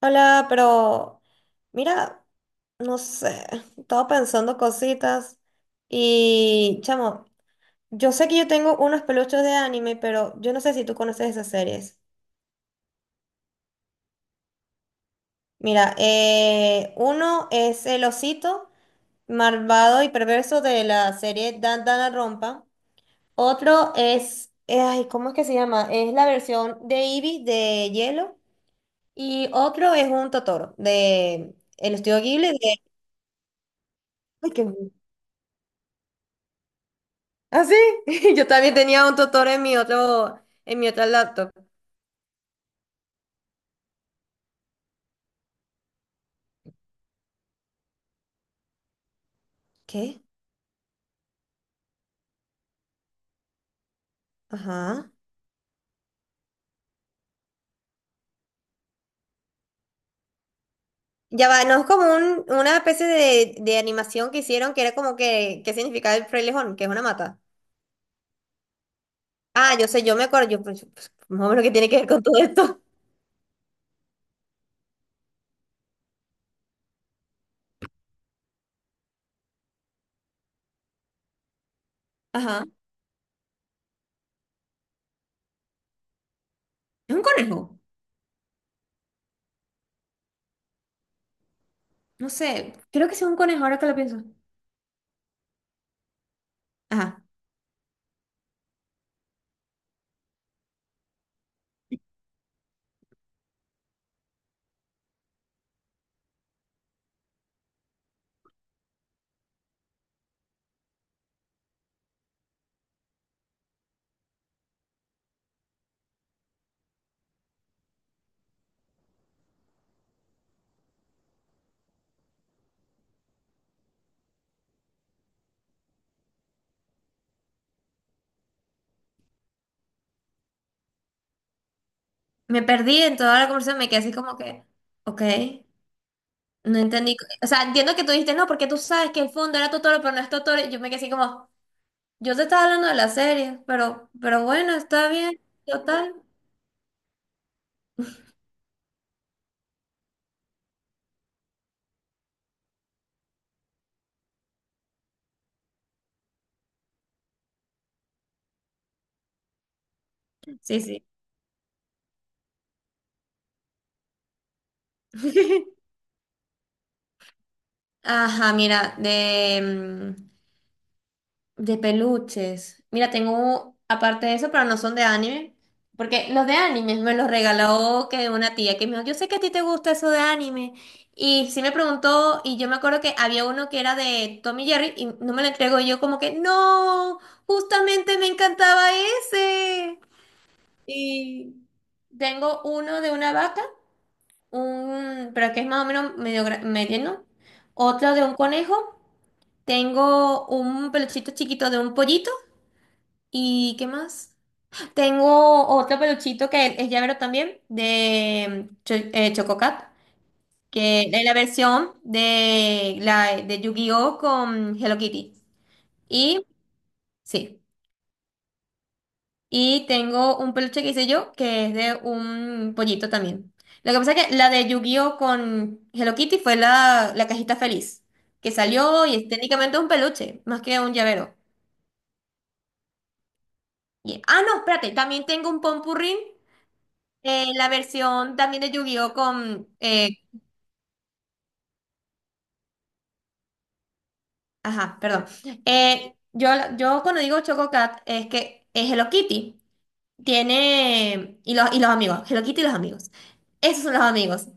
Hola, pero mira, no sé, estaba pensando cositas y chamo, yo sé que yo tengo unos peluches de anime, pero yo no sé si tú conoces esas series. Mira, uno es el osito malvado y perverso de la serie Dan Rompa. Otro es, ay, ¿cómo es que se llama? Es la versión de Eevee de Hielo. Y otro es un Totoro de el estudio Ghibli de... Ay, qué. Ah, sí, yo también tenía un tutor en mi otro, en mi otra laptop. ¿Qué? Ajá. Ya va, no es como una especie de animación que hicieron que era como que, ¿qué significa el frailejón? Que es una mata. Ah, yo sé, yo me acuerdo, yo, pues, más o menos qué tiene que ver con todo esto. Ajá. Es un conejo. No sé, creo que sí es un conejo ahora que lo pienso. Ajá. Me perdí en toda la conversación, me quedé así como que, ok, no entendí. O sea, entiendo que tú dijiste, no, porque tú sabes que el fondo era Totoro, pero no es Totoro. Y yo me quedé así como... Yo te estaba hablando de la serie, pero bueno, está bien, total. Sí, sí. Ajá, mira, de, de peluches. Mira, tengo, aparte de eso, pero no son de anime. Porque los de anime me los regaló que una tía que me dijo, yo sé que a ti te gusta eso de anime. Y sí me preguntó, y yo me acuerdo que había uno que era de Tommy Jerry y no me lo entregó y yo como que, no, justamente me encantaba ese. Y tengo uno de una vaca un, pero que es más o menos medio medio, ¿no? Otra de un conejo. Tengo un peluchito chiquito de un pollito. ¿Y qué más? Tengo otro peluchito que es llavero también, de Chococat, que es la versión la, de Yu-Gi-Oh! Con Hello Kitty. Y sí. Y tengo un peluche que hice yo, que es de un pollito también. Lo que pasa es que la de Yu-Gi-Oh con Hello Kitty fue la cajita feliz, que salió y es técnicamente un peluche, más que un llavero. Y ah, no, espérate, también tengo un Pompurrín, la versión también de Yu-Gi-Oh con... ajá, perdón. Eh, yo, yo cuando digo Chococat es que es Hello Kitty. Tiene. Y los amigos. Hello Kitty y los amigos. Esos son los amigos.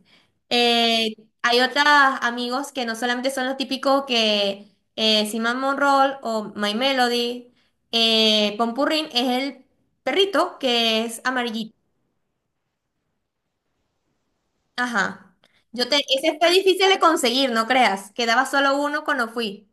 Eh, hay otros amigos que no solamente son los típicos que Cinnamon Roll o My Melody. Pompurrín es el perrito que es amarillito. Ajá. Yo te, ese fue difícil de conseguir, no creas. Quedaba solo uno cuando fui.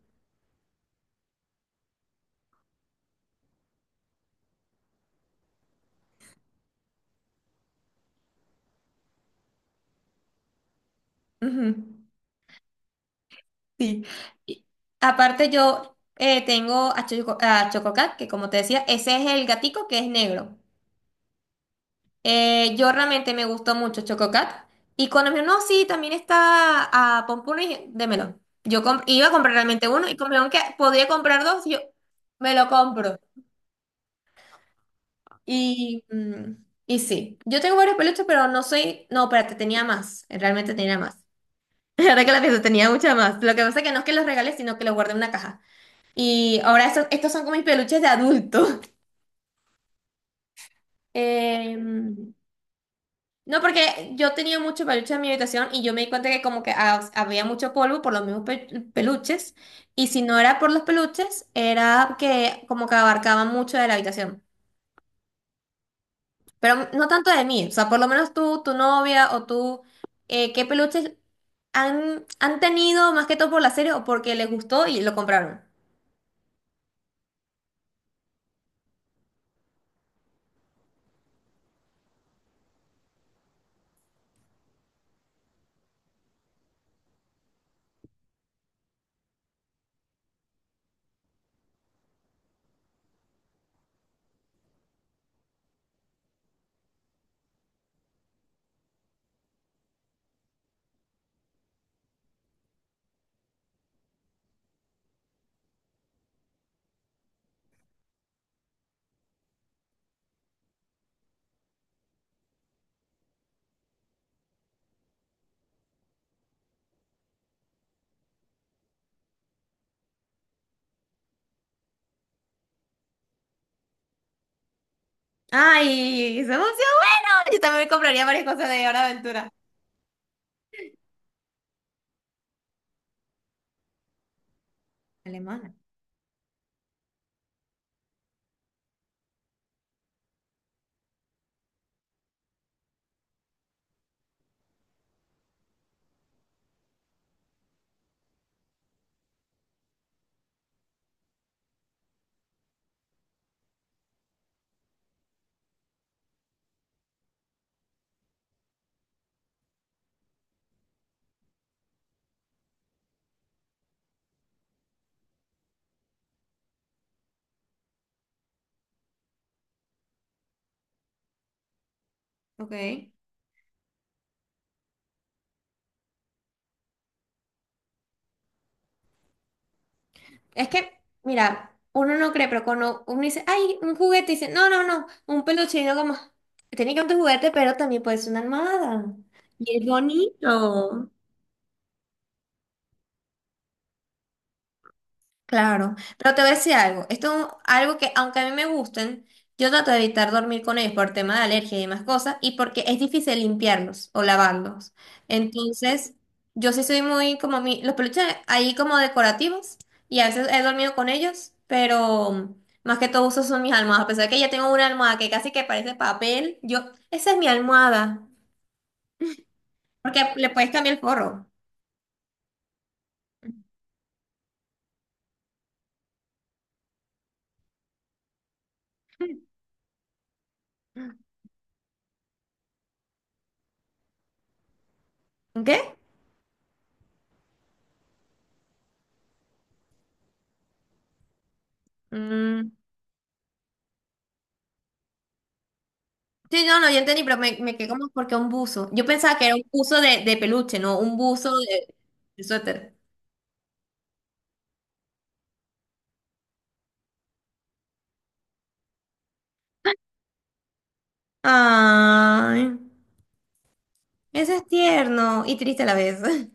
Ujú. Sí. Y aparte, yo tengo a Choco, a Chococat, que como te decía, ese es el gatico que es negro. Yo realmente me gustó mucho Chococat. Y cuando me dijo, no, sí, también está a Pompuno y dije, démelo. Yo iba a comprar realmente uno y como vieron que podía comprar dos, y yo me lo compro. Y, y sí, yo tengo varios peluches, pero no soy. No, espérate, tenía más. Realmente tenía más. Ahora que la pienso, tenía mucha más. Lo que pasa es que no es que los regales, sino que los guardé en una caja. Y ahora estos, estos son como mis peluches de adulto. Em, no, porque yo tenía mucho peluche en mi habitación y yo me di cuenta que como que había mucho polvo por los mismos peluches y si no era por los peluches era que como que abarcaba mucho de la habitación, pero no tanto de mí, o sea, por lo menos tú, tu novia o tú, ¿qué peluches han tenido más que todo por la serie o porque les gustó y lo compraron? ¡Ay! ¡Se emocionó! Bueno, yo también compraría varias cosas de Hora de Aventura. Alemana. Ok. Es que, mira, uno no cree, pero cuando uno dice, ay, un juguete, dice, no, no, no, un peluche, y yo como, tiene que ser un juguete, pero también puede ser una almohada. Y es bonito. Claro, pero te voy a decir algo, esto es un- algo que aunque a mí me gusten, yo trato de evitar dormir con ellos por tema de alergia y demás cosas, y porque es difícil limpiarlos o lavarlos. Entonces, yo sí soy muy como mi, los peluches ahí como decorativos, y a veces he dormido con ellos, pero más que todo uso son mis almohadas, a pesar de que ya tengo una almohada que casi que parece papel, yo, esa es mi almohada, porque le puedes cambiar el forro. ¿Qué? Mm. Sí, no, no, yo entendí, pero me quedé como porque un buzo. Yo pensaba que era un buzo de peluche, no, un buzo de suéter. Ay, ese es tierno y triste a la vez.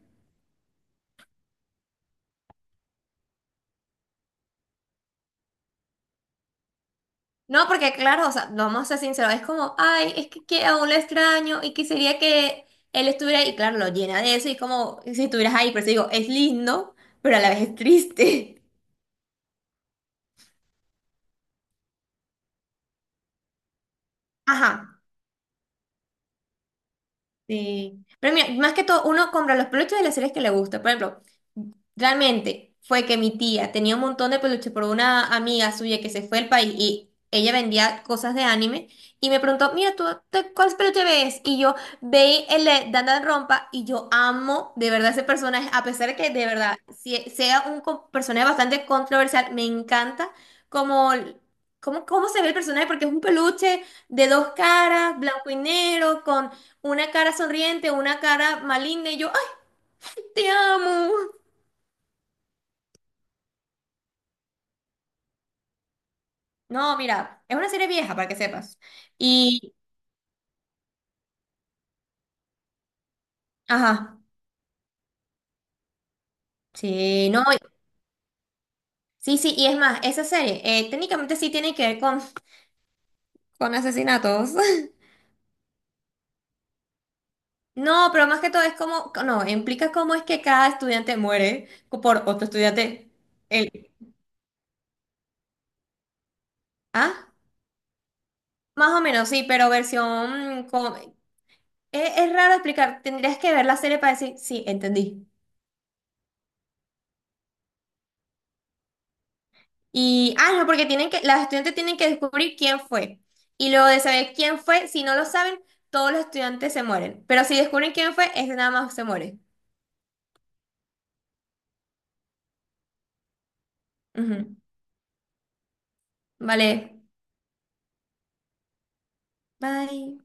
No, porque claro, o sea, no vamos a ser sinceros, es como, ay, es que aún lo extraño y quisiera que él estuviera ahí. Y claro, lo llena de eso y es como si estuvieras ahí, pero eso digo, es lindo, pero a la vez es triste. Ajá. Sí, pero mira, más que todo, uno compra los peluches de las series que le gusta. Por ejemplo, realmente fue que mi tía tenía un montón de peluches por una amiga suya que se fue al país y ella vendía cosas de anime y me preguntó, mira, ¿tú cuál peluche ves? Y yo veí el de Dandan Rompa y yo amo de verdad ese personaje, a pesar de que de verdad sea un personaje bastante controversial, me encanta como... Cómo, cómo se ve el personaje, porque es un peluche de dos caras, blanco y negro, con una cara sonriente, una cara maligna y yo, ay, te amo. No, mira, es una serie vieja para que sepas. Y, ajá, sí, no, y- sí, sí, y es más, esa serie técnicamente sí tiene que ver con asesinatos. No, pero más que todo es como, no, implica cómo es que cada estudiante muere por otro estudiante. El, ¿ah? Más o menos, sí, pero versión... con- es raro explicar, tendrías que ver la serie para decir, sí, entendí. Y, ah, no, porque tienen que, las estudiantes tienen que descubrir quién fue. Y luego de saber quién fue, si no lo saben, todos los estudiantes se mueren. Pero si descubren quién fue, ese nada más se muere. Ujú. Vale. Bye.